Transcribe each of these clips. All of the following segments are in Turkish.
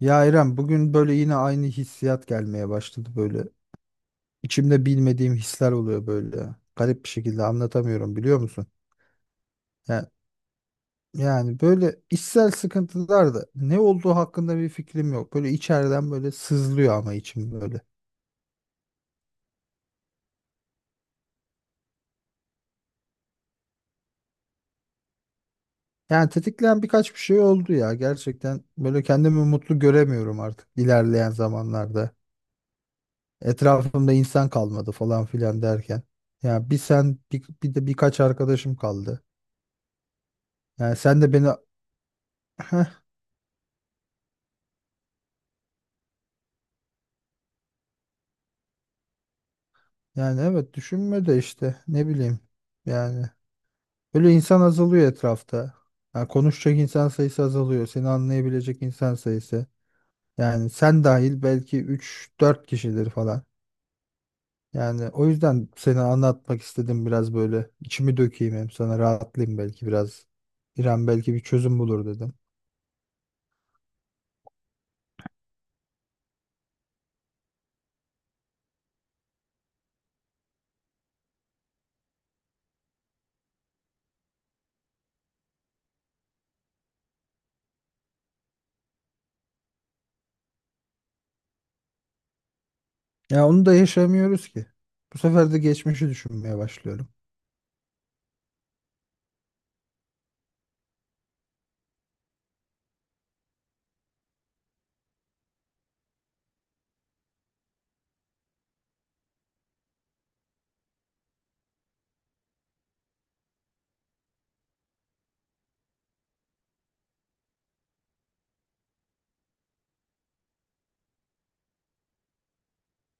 Ya İrem bugün böyle yine aynı hissiyat gelmeye başladı böyle. İçimde bilmediğim hisler oluyor böyle. Garip bir şekilde anlatamıyorum, biliyor musun? Ya, yani böyle içsel sıkıntılar da ne olduğu hakkında bir fikrim yok. Böyle içeriden böyle sızlıyor ama içim böyle. Yani tetikleyen birkaç bir şey oldu ya. Gerçekten böyle kendimi mutlu göremiyorum artık ilerleyen zamanlarda. Etrafımda insan kalmadı falan filan derken. Ya bir sen bir de birkaç arkadaşım kaldı. Yani sen de beni Yani evet, düşünme de işte ne bileyim, yani böyle insan azalıyor etrafta. Yani konuşacak insan sayısı azalıyor. Seni anlayabilecek insan sayısı. Yani sen dahil belki üç dört kişidir falan. Yani o yüzden seni anlatmak istedim biraz böyle. İçimi dökeyim hem, sana rahatlayayım belki biraz. İrem belki bir çözüm bulur dedim. Ya onu da yaşamıyoruz ki. Bu sefer de geçmişi düşünmeye başlıyorum.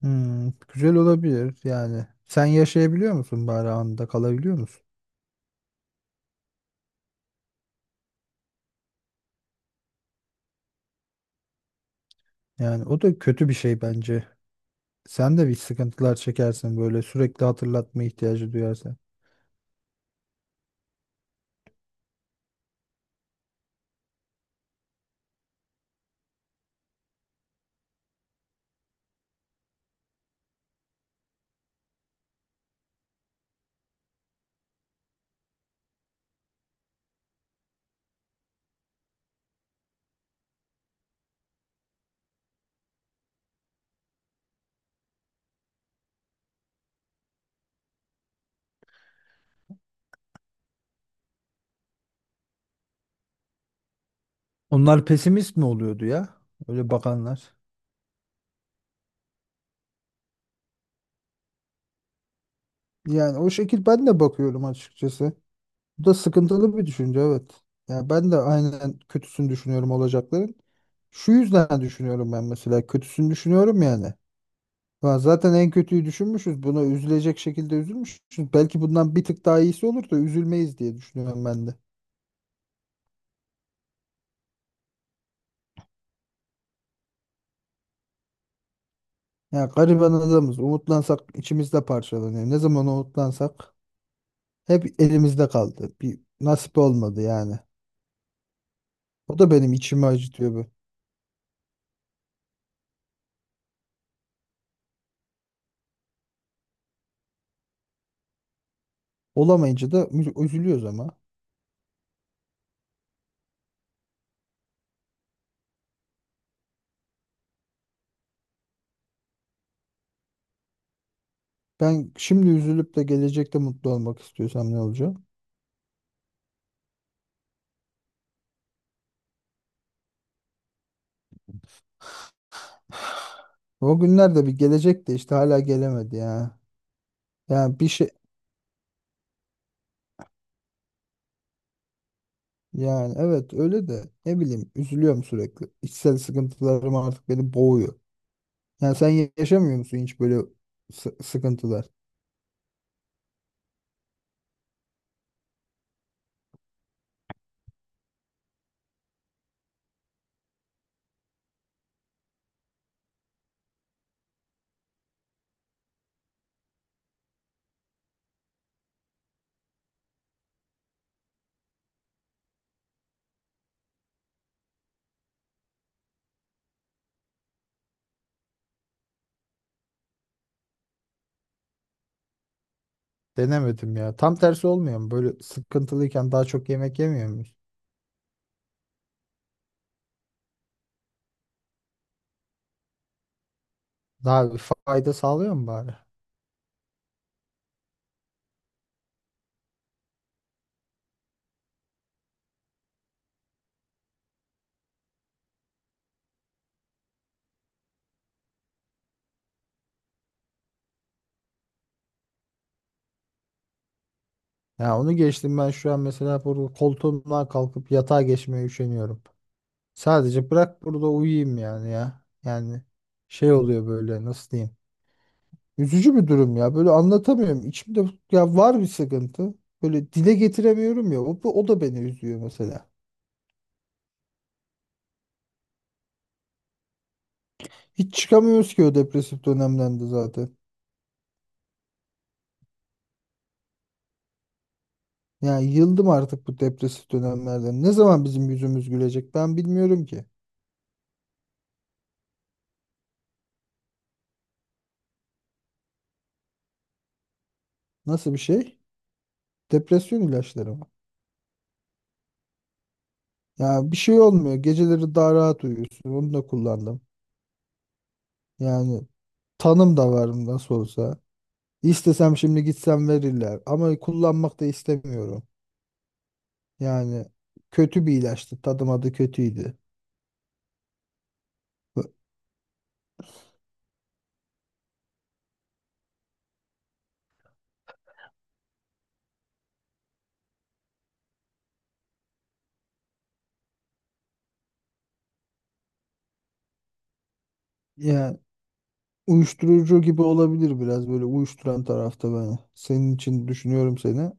Hmm, güzel olabilir yani. Sen yaşayabiliyor musun bari, anda kalabiliyor musun? Yani o da kötü bir şey bence. Sen de bir sıkıntılar çekersin böyle, sürekli hatırlatma ihtiyacı duyarsan. Onlar pesimist mi oluyordu ya? Öyle bakanlar. Yani o şekil ben de bakıyorum açıkçası. Bu da sıkıntılı bir düşünce, evet. Yani ben de aynen kötüsünü düşünüyorum olacakların. Şu yüzden düşünüyorum ben mesela, kötüsünü düşünüyorum yani. Ulan zaten en kötüyü düşünmüşüz. Buna üzülecek şekilde üzülmüşüz. Belki bundan bir tık daha iyisi olur da üzülmeyiz diye düşünüyorum ben de. Ya gariban adamız. Umutlansak içimizde parçalanıyor. Ne zaman umutlansak hep elimizde kaldı. Bir nasip olmadı yani. O da benim içimi acıtıyor bu. Olamayınca da üzülüyoruz ama. Ben şimdi üzülüp de gelecekte mutlu olmak istiyorsam ne olacak? O günler de bir gelecek de işte hala gelemedi ya. Yani bir şey, yani evet öyle de ne bileyim, üzülüyorum sürekli. İçsel sıkıntılarım artık beni boğuyor. Yani sen yaşamıyor musun hiç böyle sıkıntılar? Denemedim ya. Tam tersi olmuyor mu? Böyle sıkıntılıyken daha çok yemek yemiyor muyuz? Daha bir fayda sağlıyor mu bari? Ya onu geçtim, ben şu an mesela burada koltuğumdan kalkıp yatağa geçmeye üşeniyorum. Sadece bırak burada uyuyayım yani ya. Yani şey oluyor böyle, nasıl diyeyim. Üzücü bir durum ya. Böyle anlatamıyorum. İçimde ya var bir sıkıntı. Böyle dile getiremiyorum ya. O da beni üzüyor mesela. Hiç çıkamıyoruz ki o depresif dönemden de zaten. Ya yıldım artık bu depresif dönemlerden. Ne zaman bizim yüzümüz gülecek ben bilmiyorum ki. Nasıl bir şey? Depresyon ilaçları mı? Ya bir şey olmuyor. Geceleri daha rahat uyuyorsun. Onu da kullandım. Yani tanım da var nasıl olsa. İstesem şimdi gitsem verirler. Ama kullanmak da istemiyorum. Yani kötü bir ilaçtı. Tadım adı kötüydü. Bu- Yani uyuşturucu gibi olabilir biraz böyle, uyuşturan tarafta beni. Senin için düşünüyorum seni.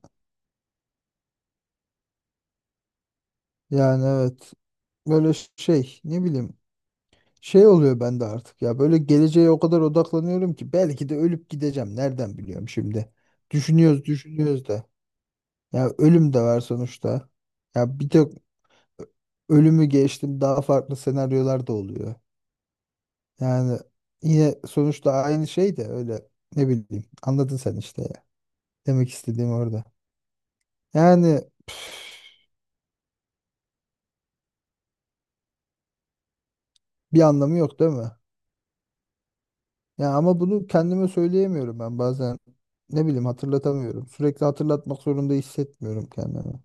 Yani evet böyle şey, ne bileyim, şey oluyor bende artık ya, böyle geleceğe o kadar odaklanıyorum ki belki de ölüp gideceğim. Nereden biliyorum şimdi? Düşünüyoruz düşünüyoruz da. Ya ölüm de var sonuçta. Ya bir tek ölümü geçtim, daha farklı senaryolar da oluyor. Yani yine sonuçta aynı şey de öyle, ne bileyim, anladın sen işte ya. Demek istediğim orada. Yani bir anlamı yok değil mi? Ya ama bunu kendime söyleyemiyorum ben bazen, ne bileyim, hatırlatamıyorum. Sürekli hatırlatmak zorunda hissetmiyorum kendimi.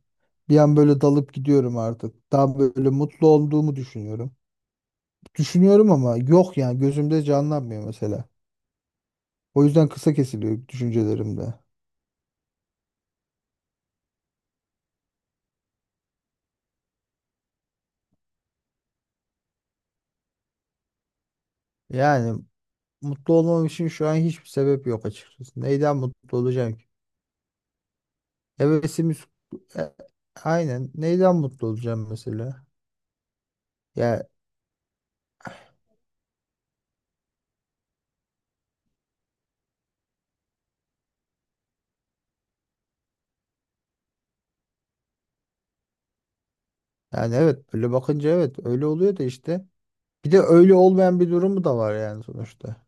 Bir an böyle dalıp gidiyorum artık. Daha böyle mutlu olduğumu düşünüyorum. Düşünüyorum ama yok yani, gözümde canlanmıyor mesela. O yüzden kısa kesiliyor düşüncelerimde. Yani mutlu olmam için şu an hiçbir sebep yok açıkçası. Neyden mutlu olacağım ki? Hevesimiz E, aynen, neyden mutlu olacağım mesela? Ya yani evet, böyle bakınca evet öyle oluyor da işte. Bir de öyle olmayan bir durumu da var yani sonuçta.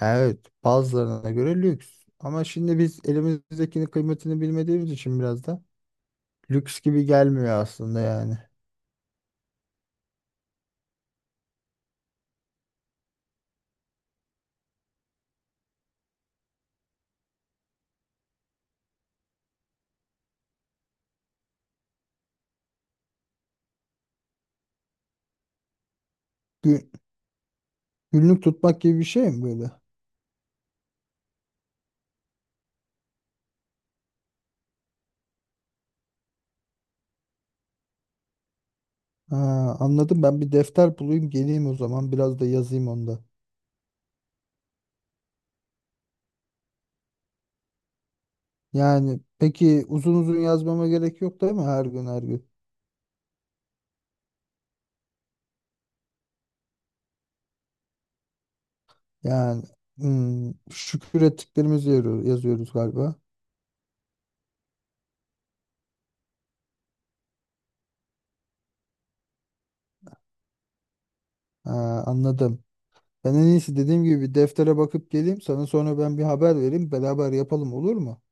Evet, bazılarına göre lüks. Ama şimdi biz elimizdekinin kıymetini bilmediğimiz için biraz da lüks gibi gelmiyor aslında yani. Gün- Günlük tutmak gibi bir şey mi böyle? Ha, anladım, ben bir defter bulayım geleyim o zaman, biraz da yazayım onda. Yani peki, uzun uzun yazmama gerek yok değil mi her gün her gün? Yani hmm, şükür ettiklerimizi yazıyoruz galiba. Ha, anladım. Ben en iyisi dediğim gibi bir deftere bakıp geleyim, sana sonra ben bir haber vereyim, beraber yapalım, olur mu?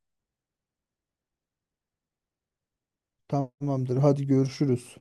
Tamamdır. Hadi görüşürüz.